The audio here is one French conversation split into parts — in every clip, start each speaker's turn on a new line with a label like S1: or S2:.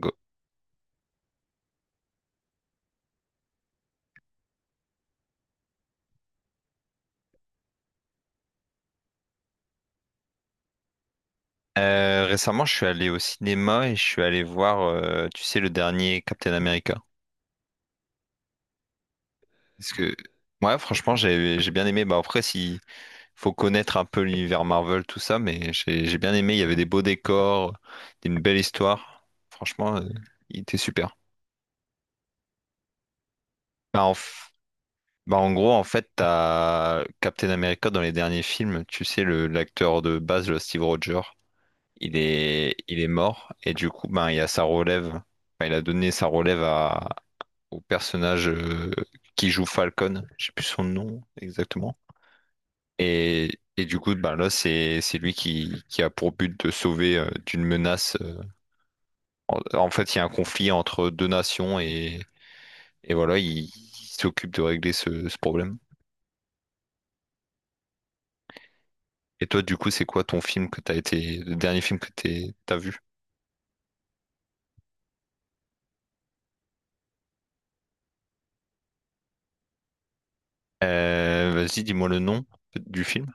S1: Go. Récemment, je suis allé au cinéma et je suis allé voir, tu sais, le dernier Captain America. Parce que, ouais, franchement, j'ai bien aimé. Bah, après, s'il faut connaître un peu l'univers Marvel, tout ça, mais j'ai bien aimé. Il y avait des beaux décors, une belle histoire. Franchement, il était super. Bah, en, f- Bah, en gros, en fait, t'as Captain America dans les derniers films. Tu sais, le l'acteur de base, le Steve Rogers, il est mort. Et du coup, ben, il y a sa relève. Enfin, il a donné sa relève au personnage qui joue Falcon, je sais plus son nom exactement. Et du coup, ben là, c'est lui qui a pour but de sauver d'une menace. En fait, il y a un conflit entre deux nations et voilà, il s'occupe de régler ce problème. Et toi, du coup, c'est quoi ton film que le dernier film que t'as vu? Vas-y, dis-moi le nom du film.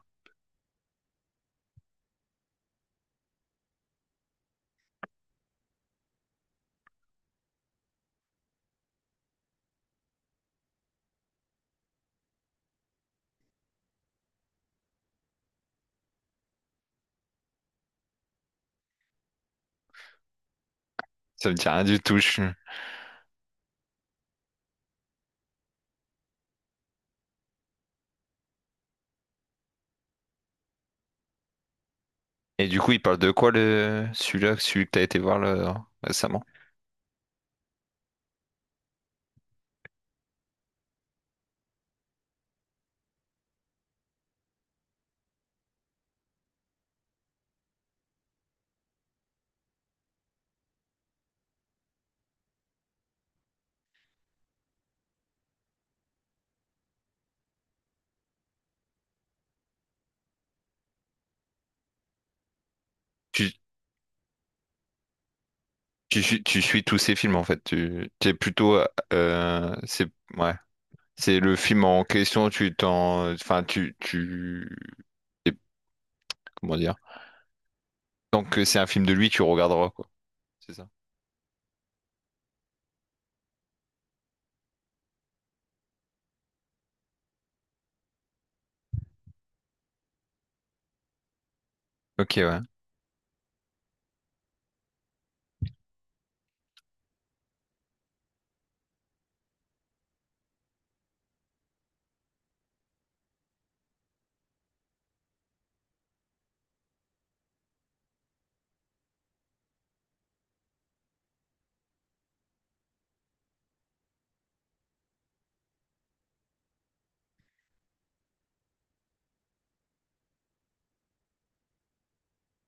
S1: Ça me dit rien du tout. Et du coup, il parle de quoi le celui-là, celui que t'as été voir là, récemment? Tu, Tu suis tous ces films en fait. Tu t'es plutôt c'est ouais, c'est le film en question. Tu t'en enfin tu tu t'es- Comment dire? Tant que c'est un film de lui, tu regarderas quoi. C'est ça. Ok, ouais.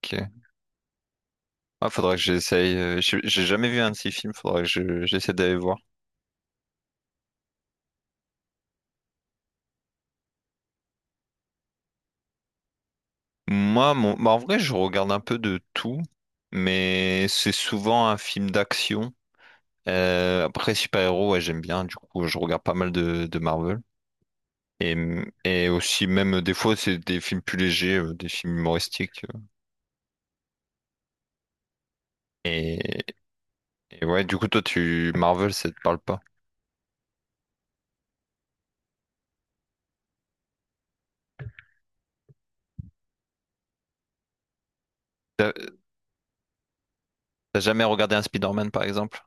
S1: Ok. Ah, faudrait que j'essaye. J'ai jamais vu un de ces films, faudrait que j'essaie d'aller voir. Moi, mon... bah, en vrai, je regarde un peu de tout, mais c'est souvent un film d'action. Après, super-héros, ouais, j'aime bien, du coup, je regarde pas mal de Marvel. Et, et aussi, même des fois, c'est des films plus légers, des films humoristiques. Et, et ouais, du coup, toi, tu Marvel, ça te parle pas. T'as t'as jamais regardé un Spider-Man, par exemple?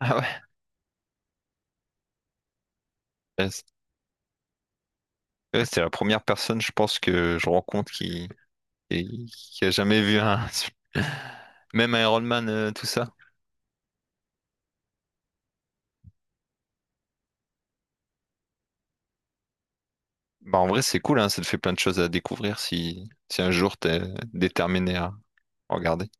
S1: Ah ouais, ouais, c'est ouais, c'est la première personne, je pense, que je rencontre qui a jamais vu un, même un Iron Man, tout ça. Bah, en vrai, c'est cool, hein, ça te fait plein de choses à découvrir si un jour t'es déterminé à regarder.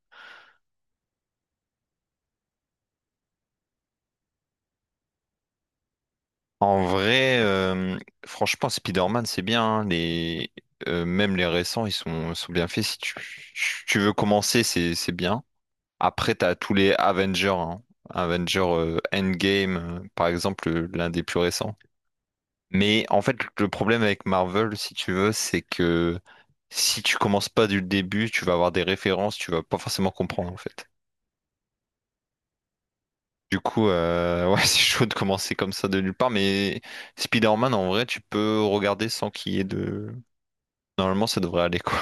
S1: En vrai, franchement, Spider-Man, c'est bien. Même les récents, sont bien faits. Si tu, Tu veux commencer, c'est bien. Après, t'as tous les Avengers. Hein. Avengers Endgame, par exemple, l'un des plus récents. Mais en fait, le problème avec Marvel, si tu veux, c'est que si tu commences pas du début, tu vas avoir des références, tu vas pas forcément comprendre en fait. Du coup, ouais, c'est chaud de commencer comme ça de nulle part, mais Spider-Man, en vrai, tu peux regarder sans qu'il y ait de... Normalement, ça devrait aller, quoi.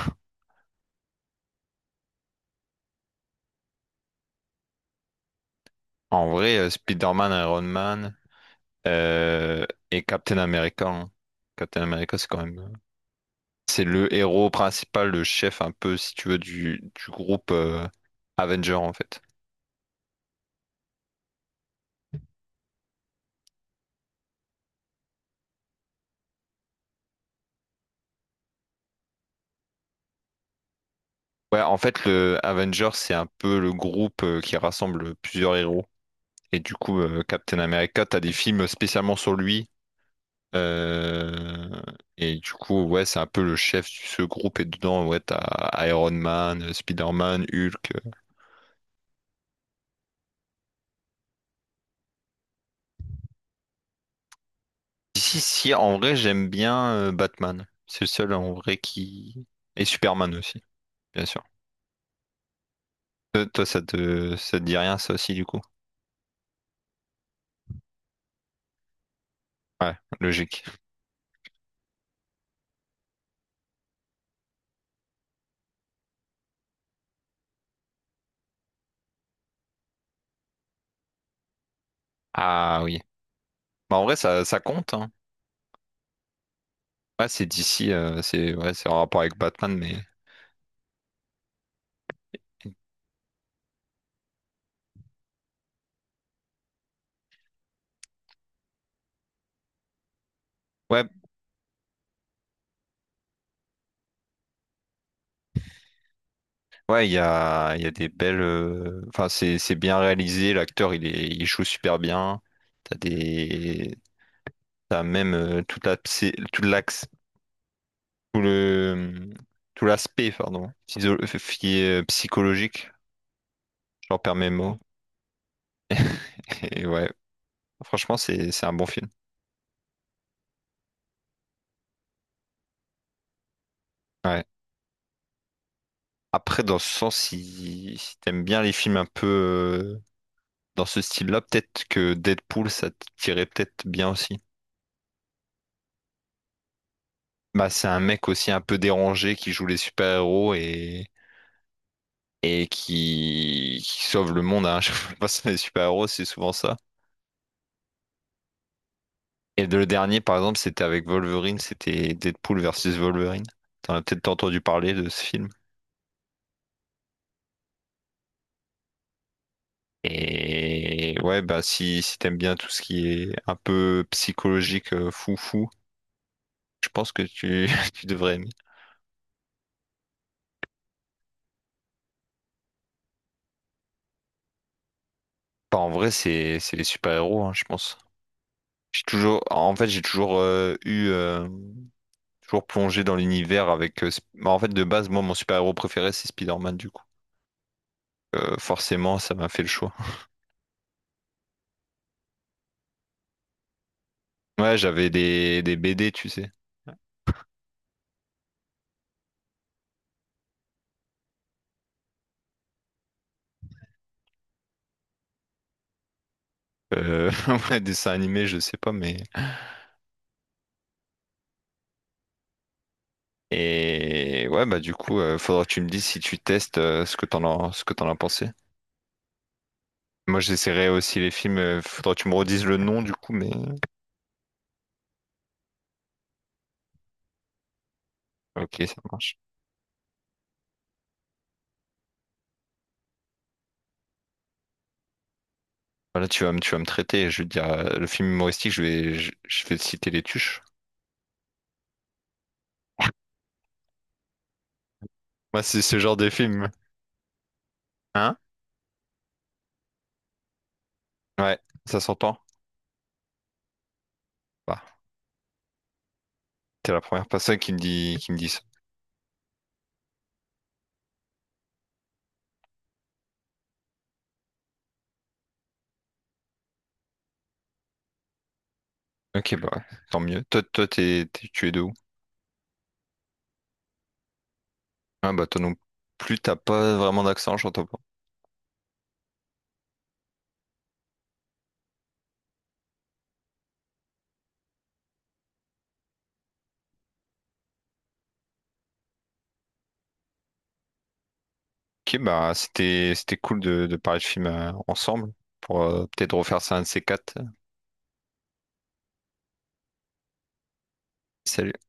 S1: En vrai, Spider-Man, Iron Man euh, et Captain America. Hein. Captain America, c'est quand même... c'est le héros principal, le chef un peu, si tu veux, du groupe Avenger, en fait. Ouais, en fait, le Avengers, c'est un peu le groupe qui rassemble plusieurs héros. Et du coup, Captain America, t'as des films spécialement sur lui. Euh, Et du coup, ouais, c'est un peu le chef de ce groupe. Et dedans, ouais, t'as Iron Man, Spider-Man, Hulk. Ici, si, si, en vrai, j'aime bien Batman. C'est le seul en vrai qui. Et Superman aussi, bien sûr. Toi, ça te dit rien, ça aussi, du coup? Ouais, logique. Ah oui. Bah, en vrai, ça compte, hein. Ouais, c'est d'ici, c'est ouais, c'est en rapport avec Batman, mais ouais, ouais, il y a des belles. Enfin, c'est bien réalisé. L'acteur, il joue super bien. T'as des, T'as même toute la, tout l'axe, tout le, tout l'aspect, pardon, psychologique. J'en perds mes mots. Et ouais, franchement, c'est un bon film. Ouais. Après, dans ce sens, si t'aimes bien les films un peu dans ce style-là, peut-être que Deadpool, ça te tirait peut-être bien aussi. Bah, c'est un mec aussi un peu dérangé qui joue les super-héros et qui sauve le monde. Hein. Je sais pas si les super-héros, c'est souvent ça. Et le dernier, par exemple, c'était avec Wolverine, c'était Deadpool versus Wolverine. T'en as peut-être entendu parler de ce film. Et ouais, bah si, si t'aimes bien tout ce qui est un peu psychologique, fou fou, je pense que tu, tu devrais aimer. Bah, en vrai, c'est les super-héros, hein, je pense. J'ai toujours eu. Toujours plongé dans l'univers avec. Bah, en fait, de base, moi, mon super-héros préféré, c'est Spider-Man, du coup. Forcément, ça m'a fait le choix. Ouais, j'avais des BD, tu sais. Euh, ouais, dessins animés, je sais pas, mais. Et ouais, bah, du coup, faudra que tu me dises si tu testes ce que t'en as pensé. Moi, j'essaierai aussi les films. Faudra que tu me redises le nom, du coup, mais. Ok, ça marche. Voilà, tu vas me traiter. Je veux dire, le film humoristique, je vais te citer les tuches. Moi, c'est ce genre de film. Hein? Ouais, ça s'entend. Bah, t'es la première personne qui me dit ça. Ok, bah ouais, tant mieux. Tu es de où? Ah bah toi non plus, t'as pas vraiment d'accent, j'entends pas. Ok, bah c'était cool de parler de films ensemble pour peut-être refaire ça un de ces quatre. Salut.